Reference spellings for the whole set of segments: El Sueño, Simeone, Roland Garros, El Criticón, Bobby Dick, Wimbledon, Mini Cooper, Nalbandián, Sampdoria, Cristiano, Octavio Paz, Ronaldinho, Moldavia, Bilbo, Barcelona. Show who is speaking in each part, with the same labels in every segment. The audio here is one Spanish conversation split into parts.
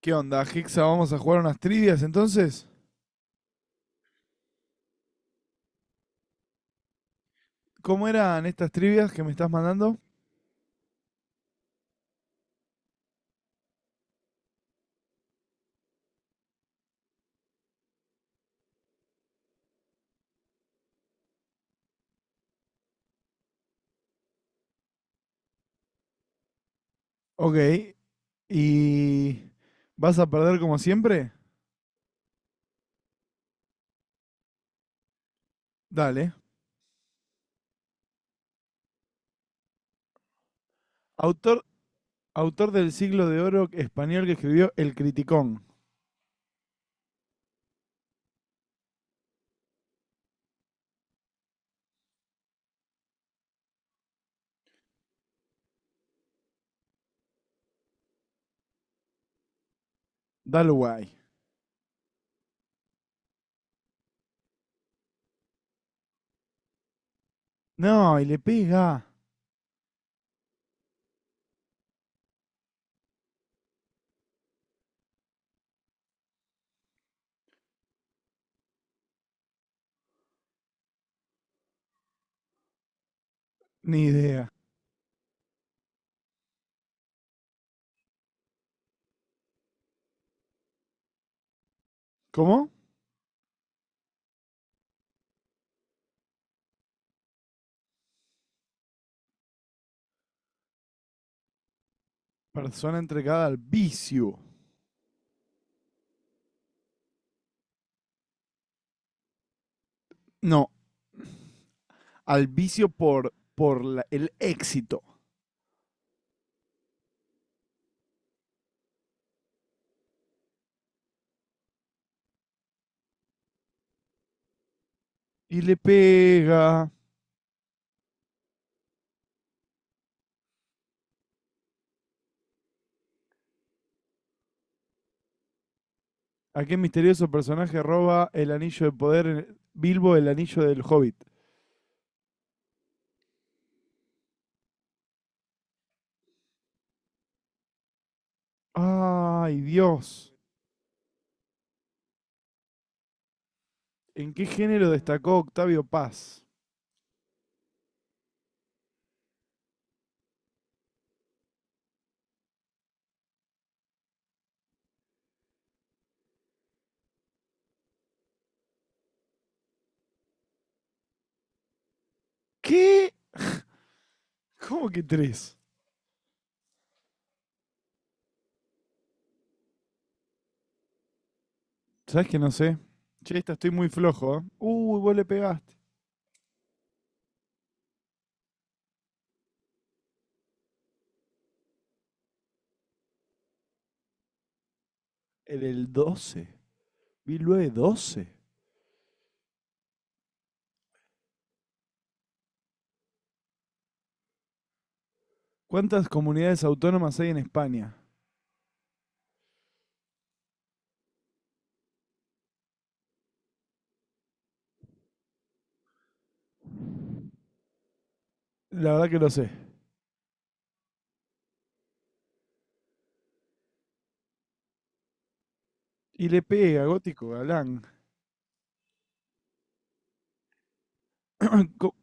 Speaker 1: ¿Qué onda, Hixa? Vamos a jugar unas trivias entonces. ¿Cómo eran estas trivias que me estás mandando? Ok. ¿Y vas a perder como siempre? Dale. Autor, autor del siglo de oro español que escribió El Criticón. Dalway. No, y le pega. Ni idea. ¿Cómo? Persona entregada al vicio. No, al vicio por el éxito. Y le pega. ¿A qué misterioso personaje roba el anillo de poder en- Bilbo el anillo del Hobbit? ¡Ay, Dios! ¿En qué género destacó Octavio Paz? ¿Qué? ¿Cómo que tres? ¿Sabes que no sé? Che, esta estoy muy flojo, ¿eh? Uy, vos le pegaste. En el 12. Bilbo de 12. ¿Cuántas comunidades autónomas hay en España? La verdad que lo sé. Y le pega, gótico galán. Co-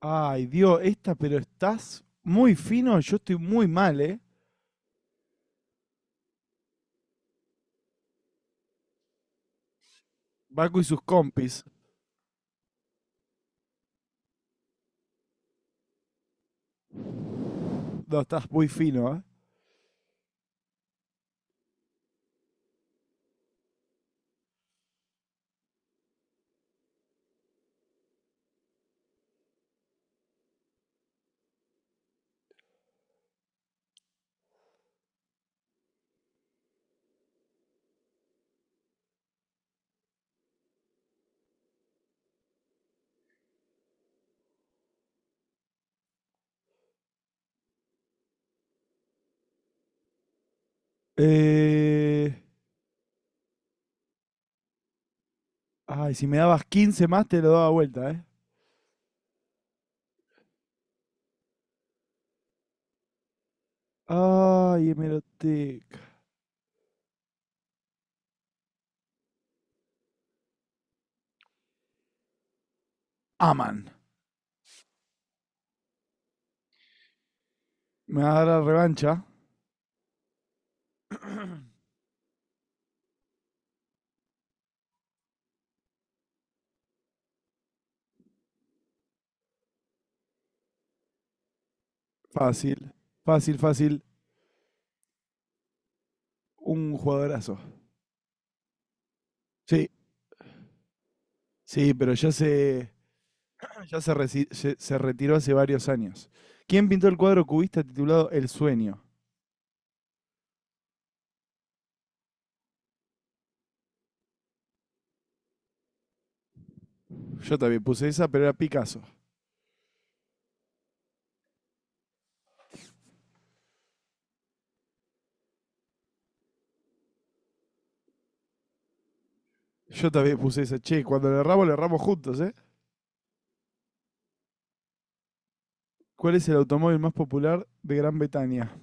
Speaker 1: Ay, Dios, esta, pero estás muy fino, yo estoy muy mal, ¿eh? Baco y sus compis. No, estás muy fino, ¿eh? Eh, Ay, si me dabas 15 más, te lo daba vuelta, ¿eh? Ay, hemeroteca. Aman. Me va a dar la revancha. Fácil. Fácil, fácil. Un jugadorazo. Sí, sí, pero ya se, se retiró hace varios años. ¿Quién pintó el cuadro cubista titulado El Sueño? Yo también puse esa, pero era Picasso. Yo también puse esa. Che, cuando le erramos juntos, ¿eh? ¿Cuál es el automóvil más popular de Gran Bretaña?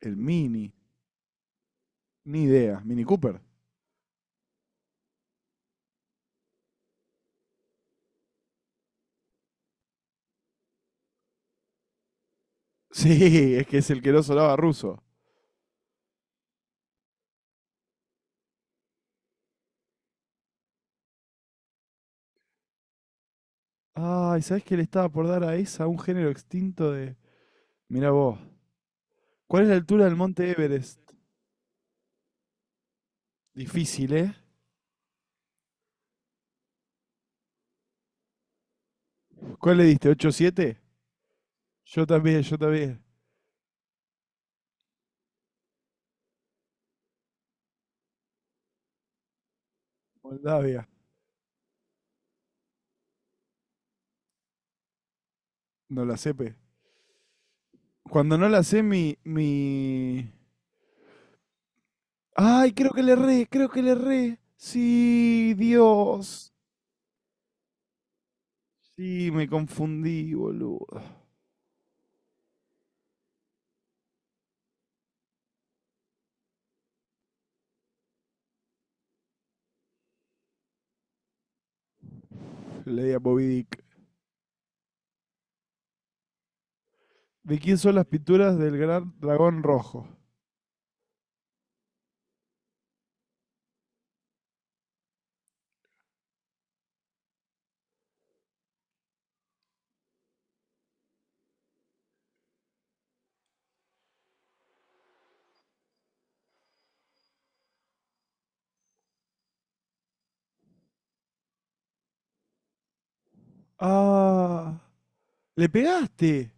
Speaker 1: El Mini. Ni idea. Mini Cooper. Sí, es que es el que no sonaba ruso. Ay, ¿sabés qué le estaba por dar a esa? Un género extinto de... Mirá vos. ¿Cuál es la altura del monte Everest? Difícil, ¿eh? ¿Cuál le diste? 8-7. Yo también, yo también. Moldavia. No la sepe. Cuando no la sé, mi... Ay, creo que le erré, creo que le erré. Sí, Dios. Sí, me confundí, boludo. Le di a Bobby Dick. ¿De quién son las pinturas del gran dragón rojo? Ah, le pegaste.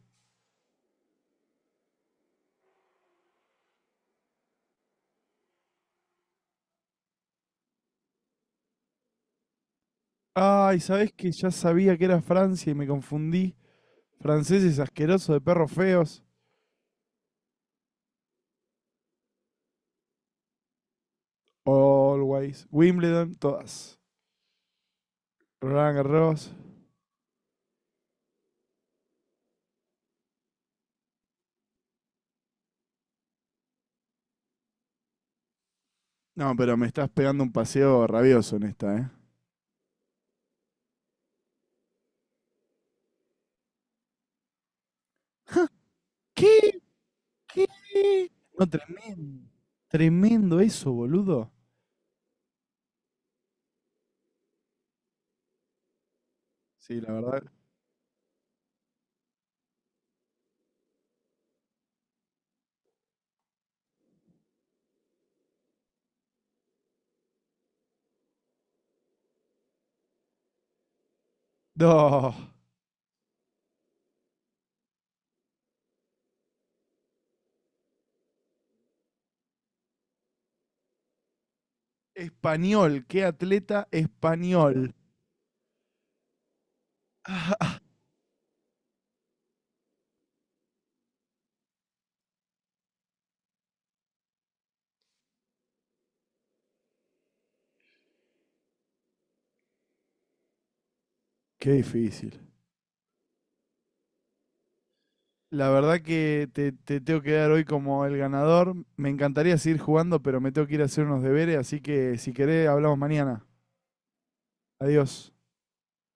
Speaker 1: Ay, ¿sabés que ya sabía que era Francia y me confundí? Franceses asquerosos de perros feos. Always. Wimbledon, todas. Roland Garros. No, pero me estás pegando un paseo rabioso en esta, ¿eh? ¿Qué? ¿Qué? No, tremendo. Tremendo eso, boludo. Sí, la verdad. No. Español, qué atleta español. Qué difícil. La verdad que te tengo que dar hoy como el ganador. Me encantaría seguir jugando, pero me tengo que ir a hacer unos deberes, así que si querés, hablamos mañana. Adiós.